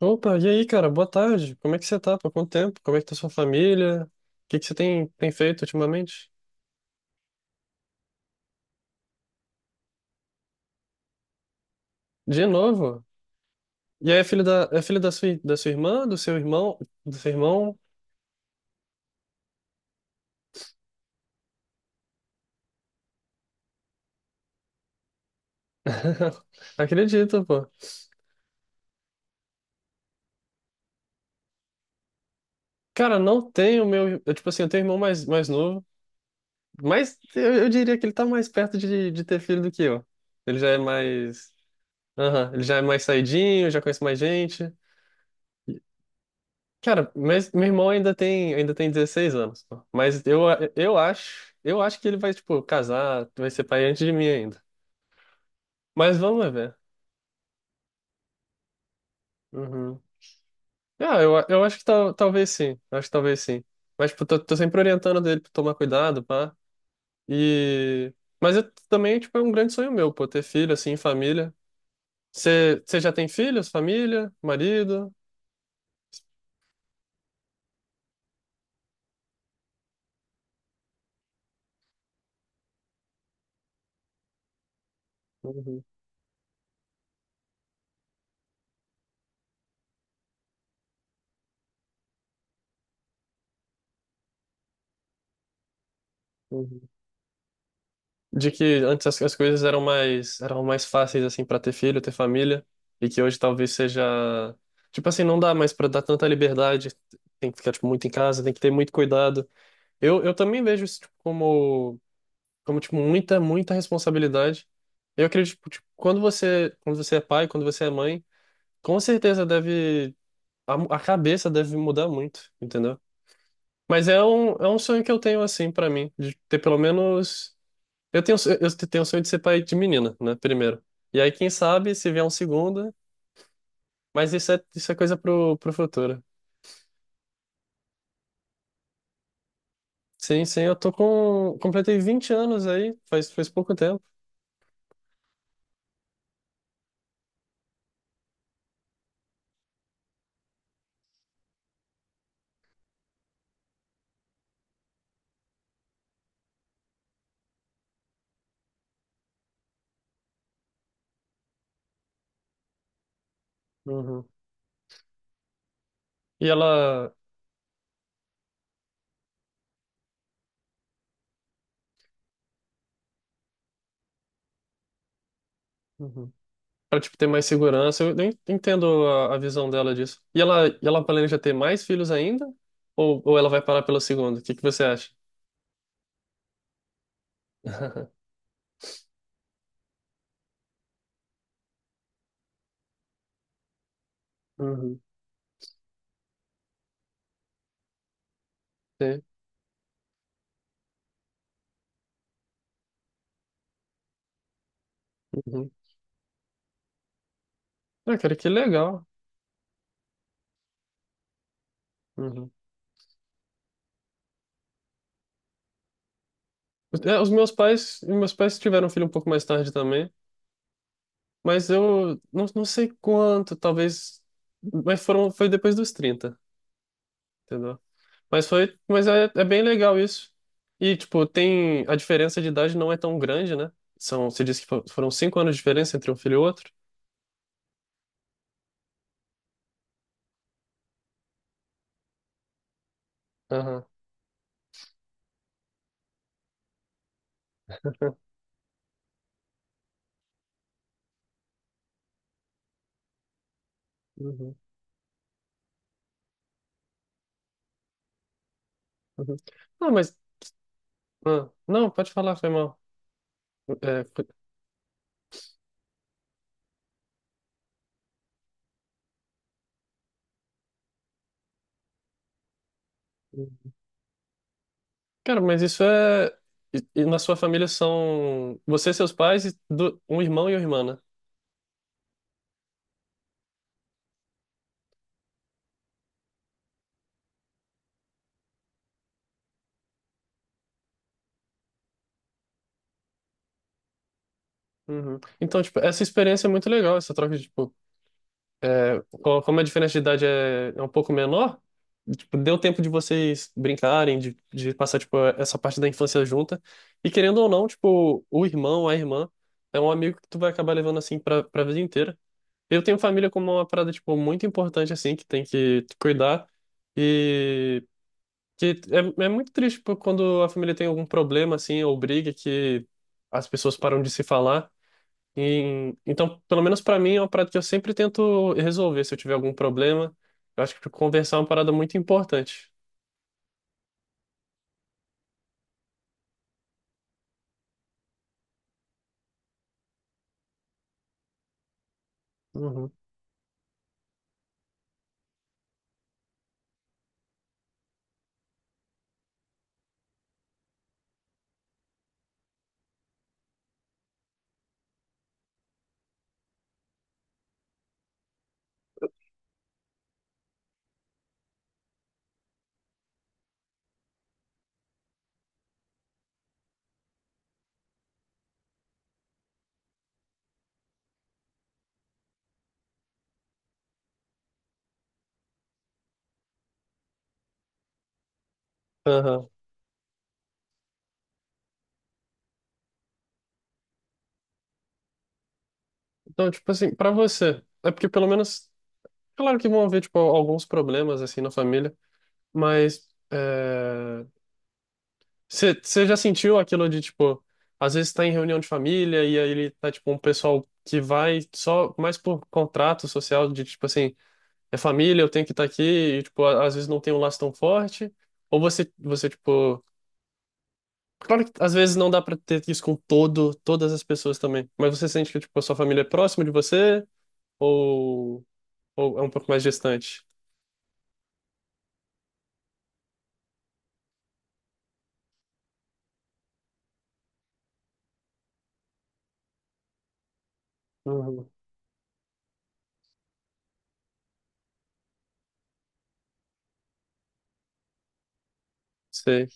Opa, e aí, cara? Boa tarde. Como é que você tá? Por quanto tempo? Como é que tá sua família? O que que você tem feito ultimamente? De novo? E aí, é filho da sua irmã, do seu irmão? Acredito, pô. Cara, não tenho meu, eu, tipo assim, eu tenho irmão mais novo, mas eu diria que ele tá mais perto de ter filho do que eu. Ele já é mais, aham, ele já é mais saidinho, já conhece mais gente. Cara, mas meu irmão ainda tem 16 anos, pô. Mas eu, eu acho que ele vai, tipo, casar, vai ser pai antes de mim ainda. Mas vamos ver. Uhum. Ah, eu acho que talvez sim, acho que talvez sim. Mas, tipo, tô sempre orientando dele pra tomar cuidado, pá. E. Mas eu, também, tipo, é um grande sonho meu, pô, ter filho, assim, família. Você já tem filhos, família, marido? Uhum, uhum. De que antes as coisas eram mais fáceis assim para ter filho, ter família, e que hoje talvez seja, tipo assim, não dá mais para dar tanta liberdade, tem que ficar tipo muito em casa, tem que ter muito cuidado. Eu também vejo isso tipo, como tipo muita muita responsabilidade. Eu acredito tipo, tipo, quando você é pai, quando você é mãe, com certeza deve a cabeça deve mudar muito, entendeu? Mas é um sonho que eu tenho assim para mim, de ter pelo menos eu tenho, eu tenho o sonho de ser pai de menina, né? Primeiro. E aí, quem sabe, se vier um segundo. Mas isso é coisa pro futuro. Sim, sim, eu tô com. Completei 20 anos aí, faz pouco tempo. Uhum. E ela. Uhum. Pra, tipo, ter mais segurança, eu nem entendo a visão dela disso. E ela planeja ter mais filhos ainda? Ou ela vai parar pelo segundo? O que que você acha? Uhum. Sim. Uhum. Ah, cara, que legal. Uhum. É, os meus pais tiveram um filho um pouco mais tarde também. Mas eu não sei quanto, talvez. Mas foram, foi depois dos 30, entendeu? Mas foi, mas é bem legal isso. E, tipo, tem. A diferença de idade não é tão grande, né? São, você disse que foram 5 anos de diferença entre um filho e outro. Aham. Uhum, uhum. Ah, mas. Ah, não, pode falar, foi mal. É, cara, mas isso é. E na sua família são você, seus pais, e um irmão e uma irmã, né? Uhum. Então, tipo, essa experiência é muito legal, essa troca de, tipo, é, como a diferença de idade é um pouco menor, tipo, deu tempo de vocês brincarem, de passar, tipo, essa parte da infância junta. E querendo ou não, tipo, o irmão, a irmã, é um amigo que tu vai acabar levando, assim, pra vida inteira. Eu tenho família como uma parada, tipo, muito importante, assim, que tem que cuidar. E que é, é muito triste, tipo, quando a família tem algum problema, assim, ou briga, que as pessoas param de se falar. E, então, pelo menos pra mim, é uma parada que eu sempre tento resolver se eu tiver algum problema. Eu acho que conversar é uma parada muito importante. Uhum. Aham. Então, tipo assim, pra você, é porque pelo menos, claro que vão haver, tipo, alguns problemas, assim, na família, mas você já sentiu aquilo de, tipo, às vezes tá em reunião de família e aí ele tá, tipo, um pessoal que vai só mais por contrato social, de, tipo assim, é família, eu tenho que estar aqui, e, tipo, às vezes não tem um laço tão forte, ou você, tipo, claro que às vezes não dá pra ter isso com todas as pessoas também, mas você sente que, tipo, a sua família é próxima de você, ou, ou é um pouco mais distante? Uhum. Sei.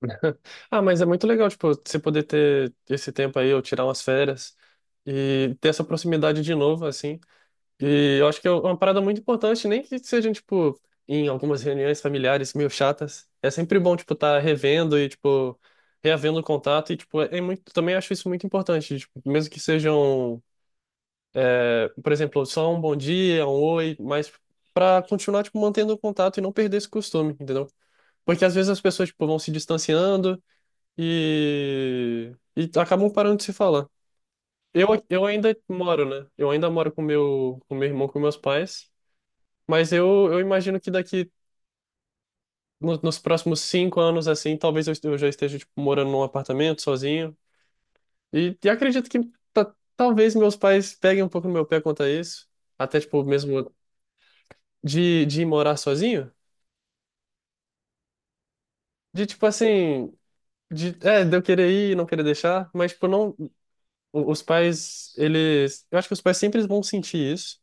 Ah, mas é muito legal, tipo, você poder ter esse tempo aí, ou tirar umas férias, e ter essa proximidade de novo, assim. E eu acho que é uma parada muito importante, nem que sejam, tipo, em algumas reuniões familiares meio chatas. É sempre bom, tipo, estar revendo e, tipo, reavendo o contato. E, tipo, é muito, também acho isso muito importante. Tipo, mesmo que sejam, é, por exemplo, só um bom dia, um oi, mas pra continuar, tipo, mantendo o contato e não perder esse costume, entendeu? Porque às vezes as pessoas, tipo, vão se distanciando e acabam parando de se falar. Eu ainda moro, né? Eu ainda moro com meu irmão, com meus pais. Mas eu imagino que daqui nos próximos 5 anos, assim, talvez eu já esteja, tipo, morando num apartamento sozinho. E acredito que talvez meus pais peguem um pouco no meu pé quanto a isso. Até, tipo, mesmo de ir morar sozinho. De, tipo, assim, de eu querer ir e não querer deixar. Mas, tipo, não, os pais, eles, eu acho que os pais sempre vão sentir isso.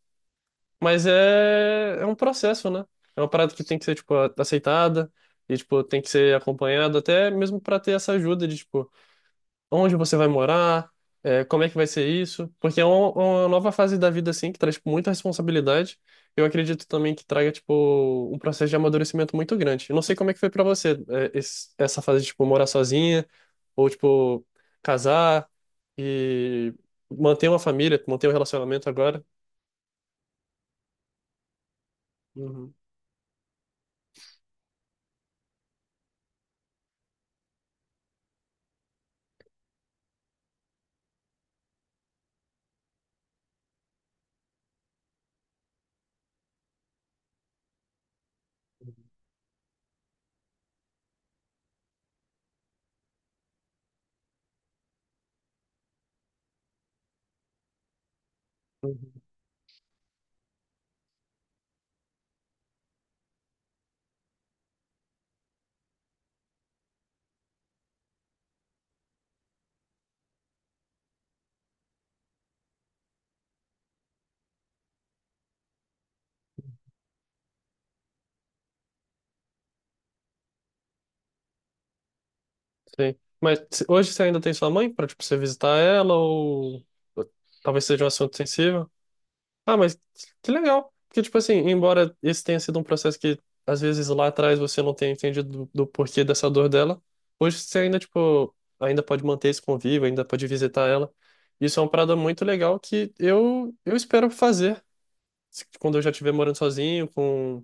Mas é, é um processo, né? É uma parada que tem que ser, tipo, aceitada e, tipo, tem que ser acompanhado até mesmo para ter essa ajuda de, tipo, onde você vai morar, é, como é que vai ser isso. Porque é uma nova fase da vida, assim, que traz, tipo, muita responsabilidade. Eu acredito também que traga, tipo, um processo de amadurecimento muito grande. Eu não sei como é que foi para você, é, essa fase de, tipo, morar sozinha ou, tipo, casar e manter uma família, manter um relacionamento agora. Uhum. Uhum. Sim. Mas hoje você ainda tem sua mãe para tipo, você visitar ela ou talvez seja um assunto sensível? Ah, mas que legal. Porque, tipo assim, embora esse tenha sido um processo que às vezes lá atrás você não tenha entendido do, do porquê dessa dor dela, hoje você ainda, tipo, ainda pode manter esse convívio, ainda pode visitar ela. Isso é uma parada muito legal que eu espero fazer quando eu já estiver morando sozinho,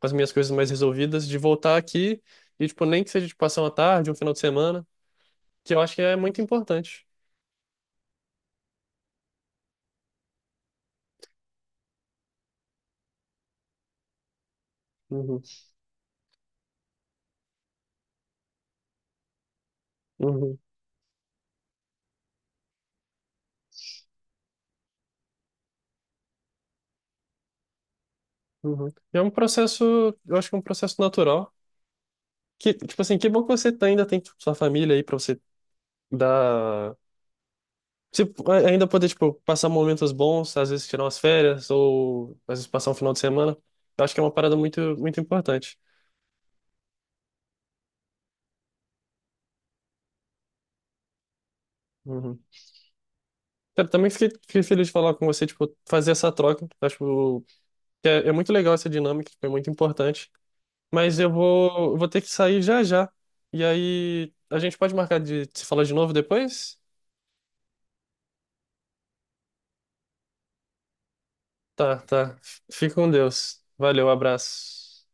com as minhas coisas mais resolvidas, de voltar aqui e, tipo, nem que seja de passar uma tarde, um final de semana que eu acho que é muito importante. Uhum, uhum, uhum. É um processo, eu acho que é um processo natural. Que, tipo assim, que bom que você ainda tem tipo, sua família aí pra você dar. Se, ainda poder, tipo, passar momentos bons, às vezes tirar umas férias, ou às vezes passar um final de semana. Eu acho que é uma parada muito, muito importante. Uhum. Cara, também fiquei feliz de falar com você, tipo, fazer essa troca. Acho que é muito legal essa dinâmica, tipo, é muito importante. Mas eu vou ter que sair já já. E aí, a gente pode marcar de se falar de novo depois? Tá, tá. Fica com Deus. Valeu, abraço.